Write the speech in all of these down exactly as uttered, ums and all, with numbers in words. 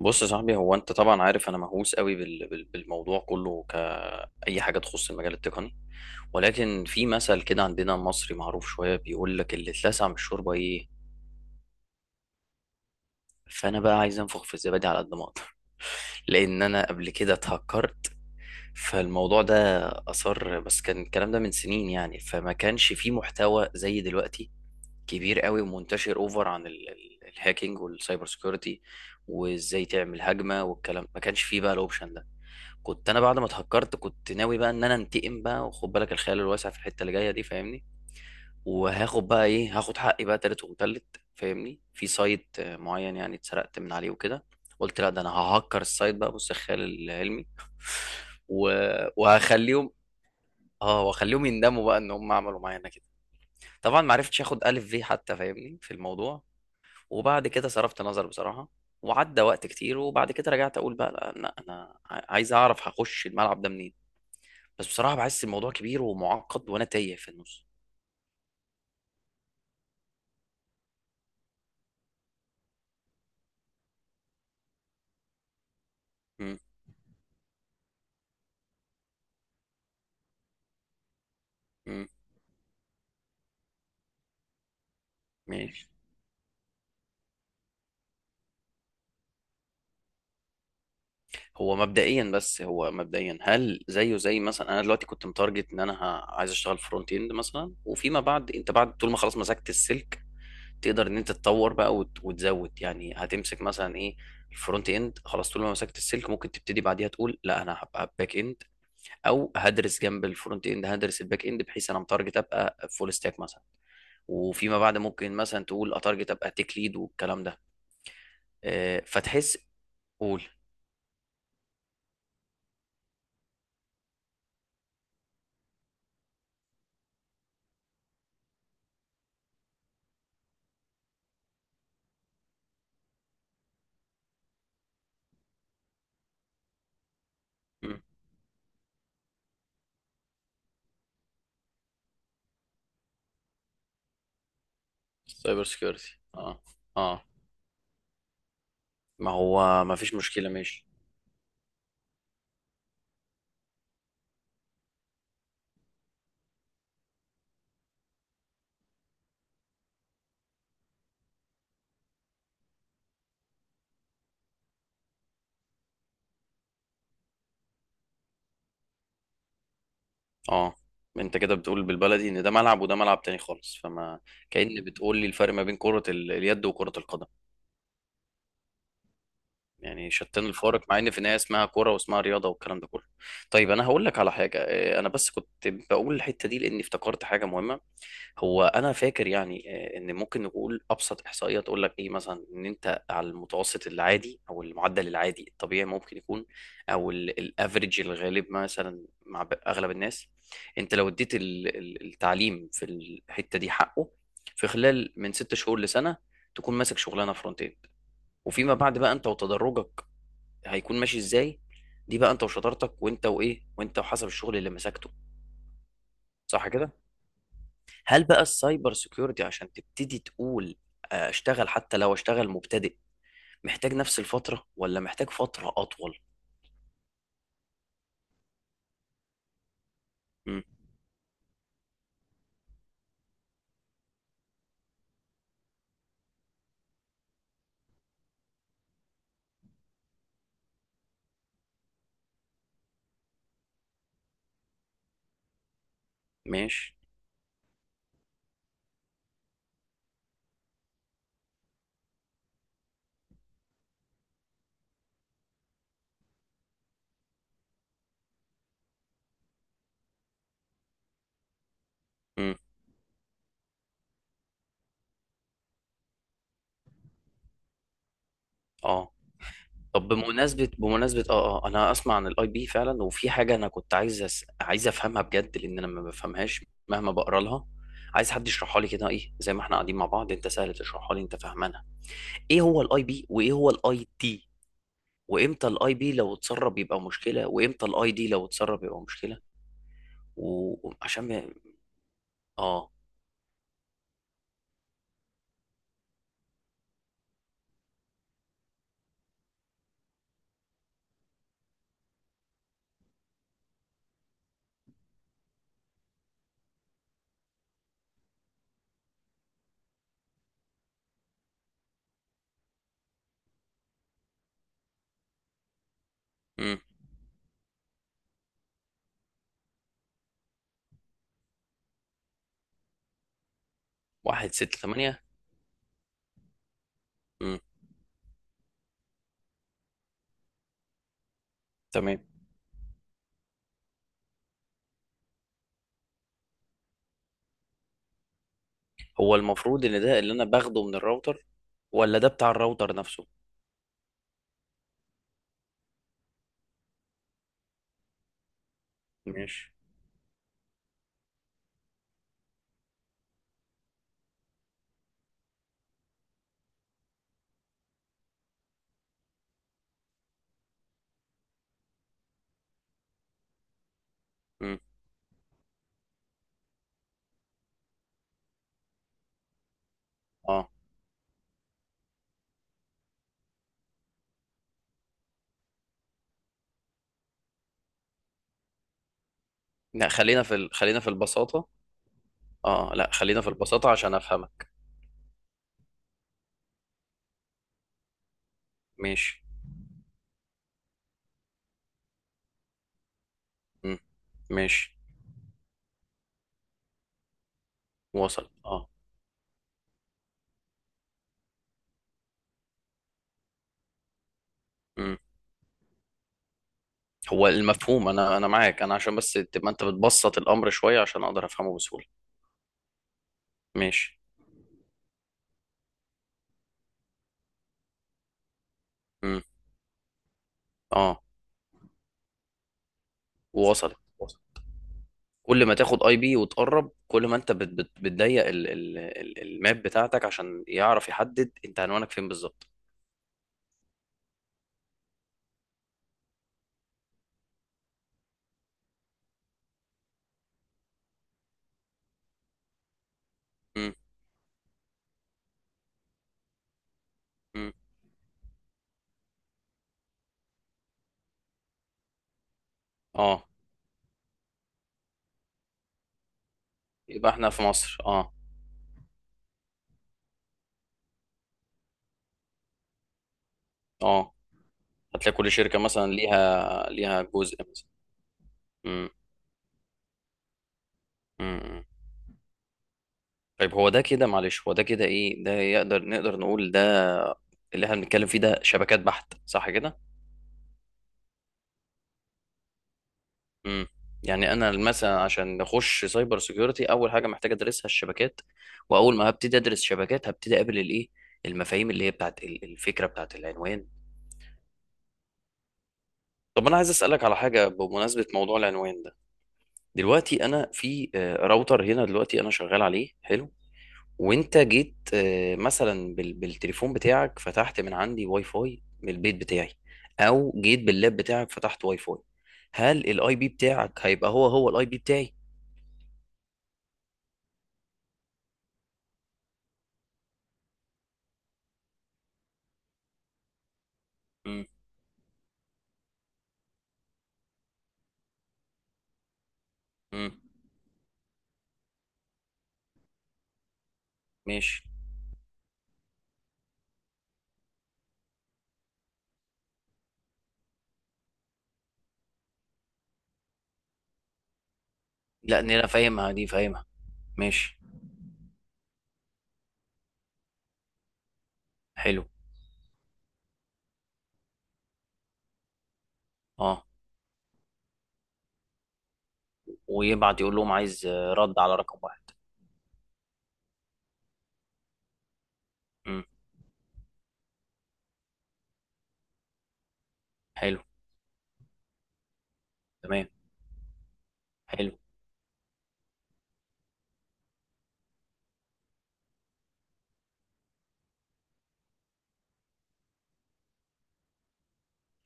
بص يا صاحبي، هو انت طبعا عارف انا مهووس قوي بال- بال- بالموضوع كله كأي حاجه تخص المجال التقني. ولكن في مثل كده عندنا مصري معروف شويه بيقول لك، اللي اتلسع من الشوربه ايه؟ فانا بقى عايز انفخ في الزبادي على قد ما اقدر لان انا قبل كده اتهكرت، فالموضوع ده اثر. بس كان الكلام ده من سنين يعني، فما كانش فيه محتوى زي دلوقتي كبير قوي ومنتشر اوفر عن ال- ال- الهاكينج والسايبر سيكيورتي. وازاي تعمل هجمه والكلام، ما كانش فيه بقى الاوبشن ده. كنت انا بعد ما اتهكرت كنت ناوي بقى ان انا انتقم بقى، وخد بالك الخيال الواسع في الحته اللي جايه دي فاهمني. وهاخد بقى ايه، هاخد حقي بقى تالت ومتلت فاهمني، في سايت آه، معين يعني اتسرقت من عليه وكده. قلت لا، ده انا ههكر السايت بقى، بص الخيال العلمي. و... وهخليهم، اه واخليهم يندموا بقى ان هم عملوا معانا كده. طبعا ما عرفتش اخد الف في حتى فاهمني في الموضوع. وبعد كده صرفت نظر بصراحه، وعدى وقت كتير. وبعد كده رجعت اقول بقى لا، لا، انا عايز اعرف هخش الملعب ده منين. بس بصراحة بحس الموضوع كبير ومعقد، وأنا تايه في النص. مم. مم. ماشي. هو مبدئيا بس هو مبدئيا هل زيه زي مثلا أنا دلوقتي كنت متارجت إن أنا ه- عايز أشتغل فرونت إند مثلا، وفيما بعد أنت بعد طول ما خلاص مسكت السلك، تقدر إن أنت تطور بقى وت- وتزود يعني هتمسك مثلا إيه؟ الفرونت إند خلاص، طول ما مسكت السلك ممكن تبتدي بعديها تقول لا، أنا هبقى باك إند، أو هدرس جنب الفرونت إند، هدرس الباك إند بحيث أنا متارجت أبقى فول ستاك مثلا. وفيما بعد ممكن مثلا تقول اتارجت ابقى تيك ليد والكلام ده. آه، فتحس. قول. مم. سايبر سيكيورتي. اه اه ما هو ما فيش مشكلة. ماشي. اه، انت كده بتقول بالبلدي ان ده ملعب وده ملعب تاني خالص، فما كأن بتقول لي الفرق ما بين كرة ال- اليد وكرة القدم. يعني شتان الفارق مع ان في النهاية اسمها كرة واسمها رياضة والكلام ده كله. طيب انا هقول لك على حاجة. آه، انا بس كنت بقول الحتة دي لاني افتكرت حاجة مهمة. هو انا فاكر يعني، آه، ان ممكن نقول ابسط احصائيه تقول لك ايه مثلا، ان انت على المتوسط العادي او المعدل العادي الطبيعي ممكن يكون، او الافريج الغالب مثلا مع ب- اغلب الناس، انت لو اديت ال- ال- التعليم في الحته دي حقه، في خلال من ست شهور لسنه، تكون ماسك شغلانه فرونت اند. وفيما بعد بقى انت وتدرجك هيكون ماشي ازاي، دي بقى انت وشطارتك، وانت وايه، وانت وحسب الشغل اللي مسكته. صح كده؟ هل بقى السايبر سيكيورتي عشان تبتدي تقول آه، اشتغل، حتى لو اشتغل مبتدئ، محتاج نفس الفترة ولا محتاج فترة أطول؟ مم. ماشي. مم. اه. طب بمناسبة بمناسبة اه اه انا اسمع عن الاي بي فعلا، وفي حاجة انا كنت عايز أس... عايز افهمها بجد، لان انا ما بفهمهاش مهما بقرا لها. عايز حد يشرحها لي كده، ايه زي ما احنا قاعدين مع بعض، انت سهل تشرحها لي، انت فاهمانها. ايه هو الاي بي وايه هو الاي تي، وامتى الاي بي لو اتسرب يبقى مشكلة، وامتى الاي دي لو اتسرب يبقى مشكلة، وعشان ب... اه امم. واحد ستة تمانية. امم. تمام. هو المفروض ان ده اللي انا باخده من الراوتر، ولا ده بتاع الراوتر نفسه؟ ماشي. امم. اه، لا، خلينا في ال... خلينا في البساطة. اه، لا، خلينا في البساطة عشان افهمك. ماشي. امم. ماشي. وصل. اه. امم. هو المفهوم انا انا معاك، انا عشان بس تبقى انت بتبسط الامر شوية عشان اقدر افهمه بسهولة. ماشي. امم. اه. وصلت. كل ما تاخد اي بي وتقرب، كل ما انت بت بت بتضيق ال ال ال الماب بتاعتك عشان يعرف يحدد انت عنوانك فين بالظبط. مم، مم. اه، يبقى احنا في مصر. اه. اه، هتلاقي كل شركة مثلا ليها ليها جزء مثلا. مم، مم، مم. طيب، هو ده كده معلش هو ده كده ايه ده؟ يقدر نقدر نقول ده اللي احنا بنتكلم فيه ده شبكات بحت، صح كده؟ امم. يعني انا مثلا عشان اخش سايبر سيكيورتي اول حاجه محتاج ادرسها الشبكات. واول ما هبتدي ادرس شبكات هبتدي اقابل الايه، المفاهيم اللي هي بتاعت ال- الفكره بتاعت العنوان. طب انا عايز اسالك على حاجه بمناسبه موضوع العنوان ده. دلوقتي انا في آه، راوتر هنا، دلوقتي انا شغال عليه. حلو. وانت جيت، آه، مثلا بال- بالتليفون بتاعك، فتحت من عندي واي فاي من البيت بتاعي، او جيت باللاب بتاعك فتحت واي فاي. هل الاي بي بتاعك هيبقى هو هو الاي بي بتاعي؟ مم. ماشي. لا، نيرة فاهمها دي فاهمها. ماشي. حلو. اه. ويبعت يقول لهم عايز، آه، رد على رقم واحد. امم. حلو. تمام. حلو.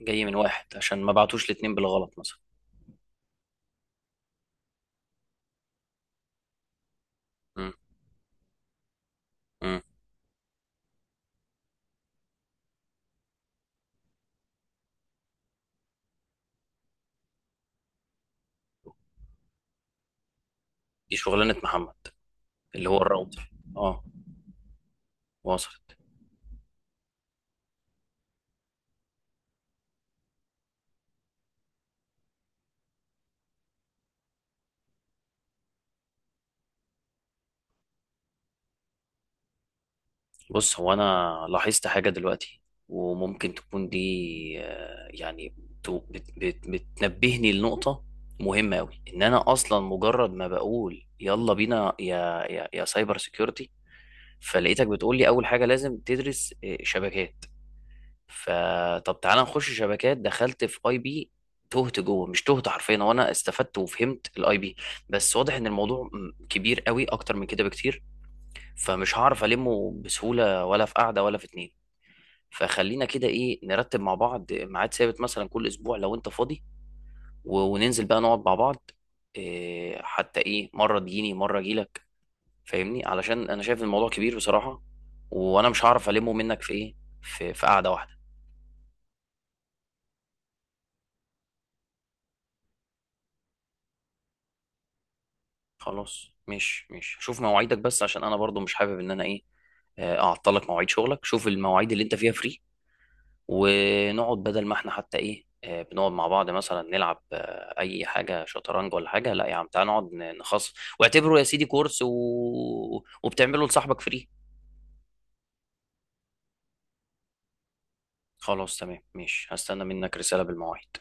جاي من واحد، عشان ما بعتوش الاتنين بالغلط مثلا. امم. امم. دي شغلانة محمد. اللي هو الراوتر. اه. وصلت. بص، هو انا لاحظت حاجة دلوقتي، وممكن تكون دي، آه، يعني تو- بت بت بتنبهني لنقطة مهمة أوي، إن أنا أصلا مجرد ما بقول يلا بينا يا يا يا سايبر سيكيورتي، فلقيتك بتقول لي اول حاجه لازم تدرس آه، شبكات. فطب تعالى نخش شبكات، دخلت في اي بي تهت جوه، مش تهت حرفيا وانا استفدت وفهمت الاي بي. بس واضح ان الموضوع م- كبير قوي اكتر من كده بكتير، فمش هعرف المه بسهوله ولا في قعده ولا في اتنين. فخلينا كده ايه، نرتب مع بعض ميعاد ثابت مثلا كل اسبوع لو انت فاضي، و- وننزل بقى نقعد مع بعض. إيه، حتى ايه، مره تجيني مره اجيلك فاهمني، علشان انا شايف الموضوع كبير بصراحة، وانا مش هعرف ألمه منك في ايه، في في قعدة واحدة. خلاص، مش مش شوف مواعيدك، بس عشان انا برضو مش حابب ان انا ايه، آه، اعطلك مواعيد شغلك، شوف المواعيد اللي انت فيها فري، ونقعد بدل ما احنا حتى ايه آه، بنقعد مع بعض مثلا نلعب آه، اي حاجة شطرنج ولا حاجة، لا يا عم تعال نقعد ن- نخصص، واعتبره يا سيدي كورس، و... وبتعمله لصاحبك فري. خلاص، تمام، ماشي، هستنى منك رسالة بالمواعيد.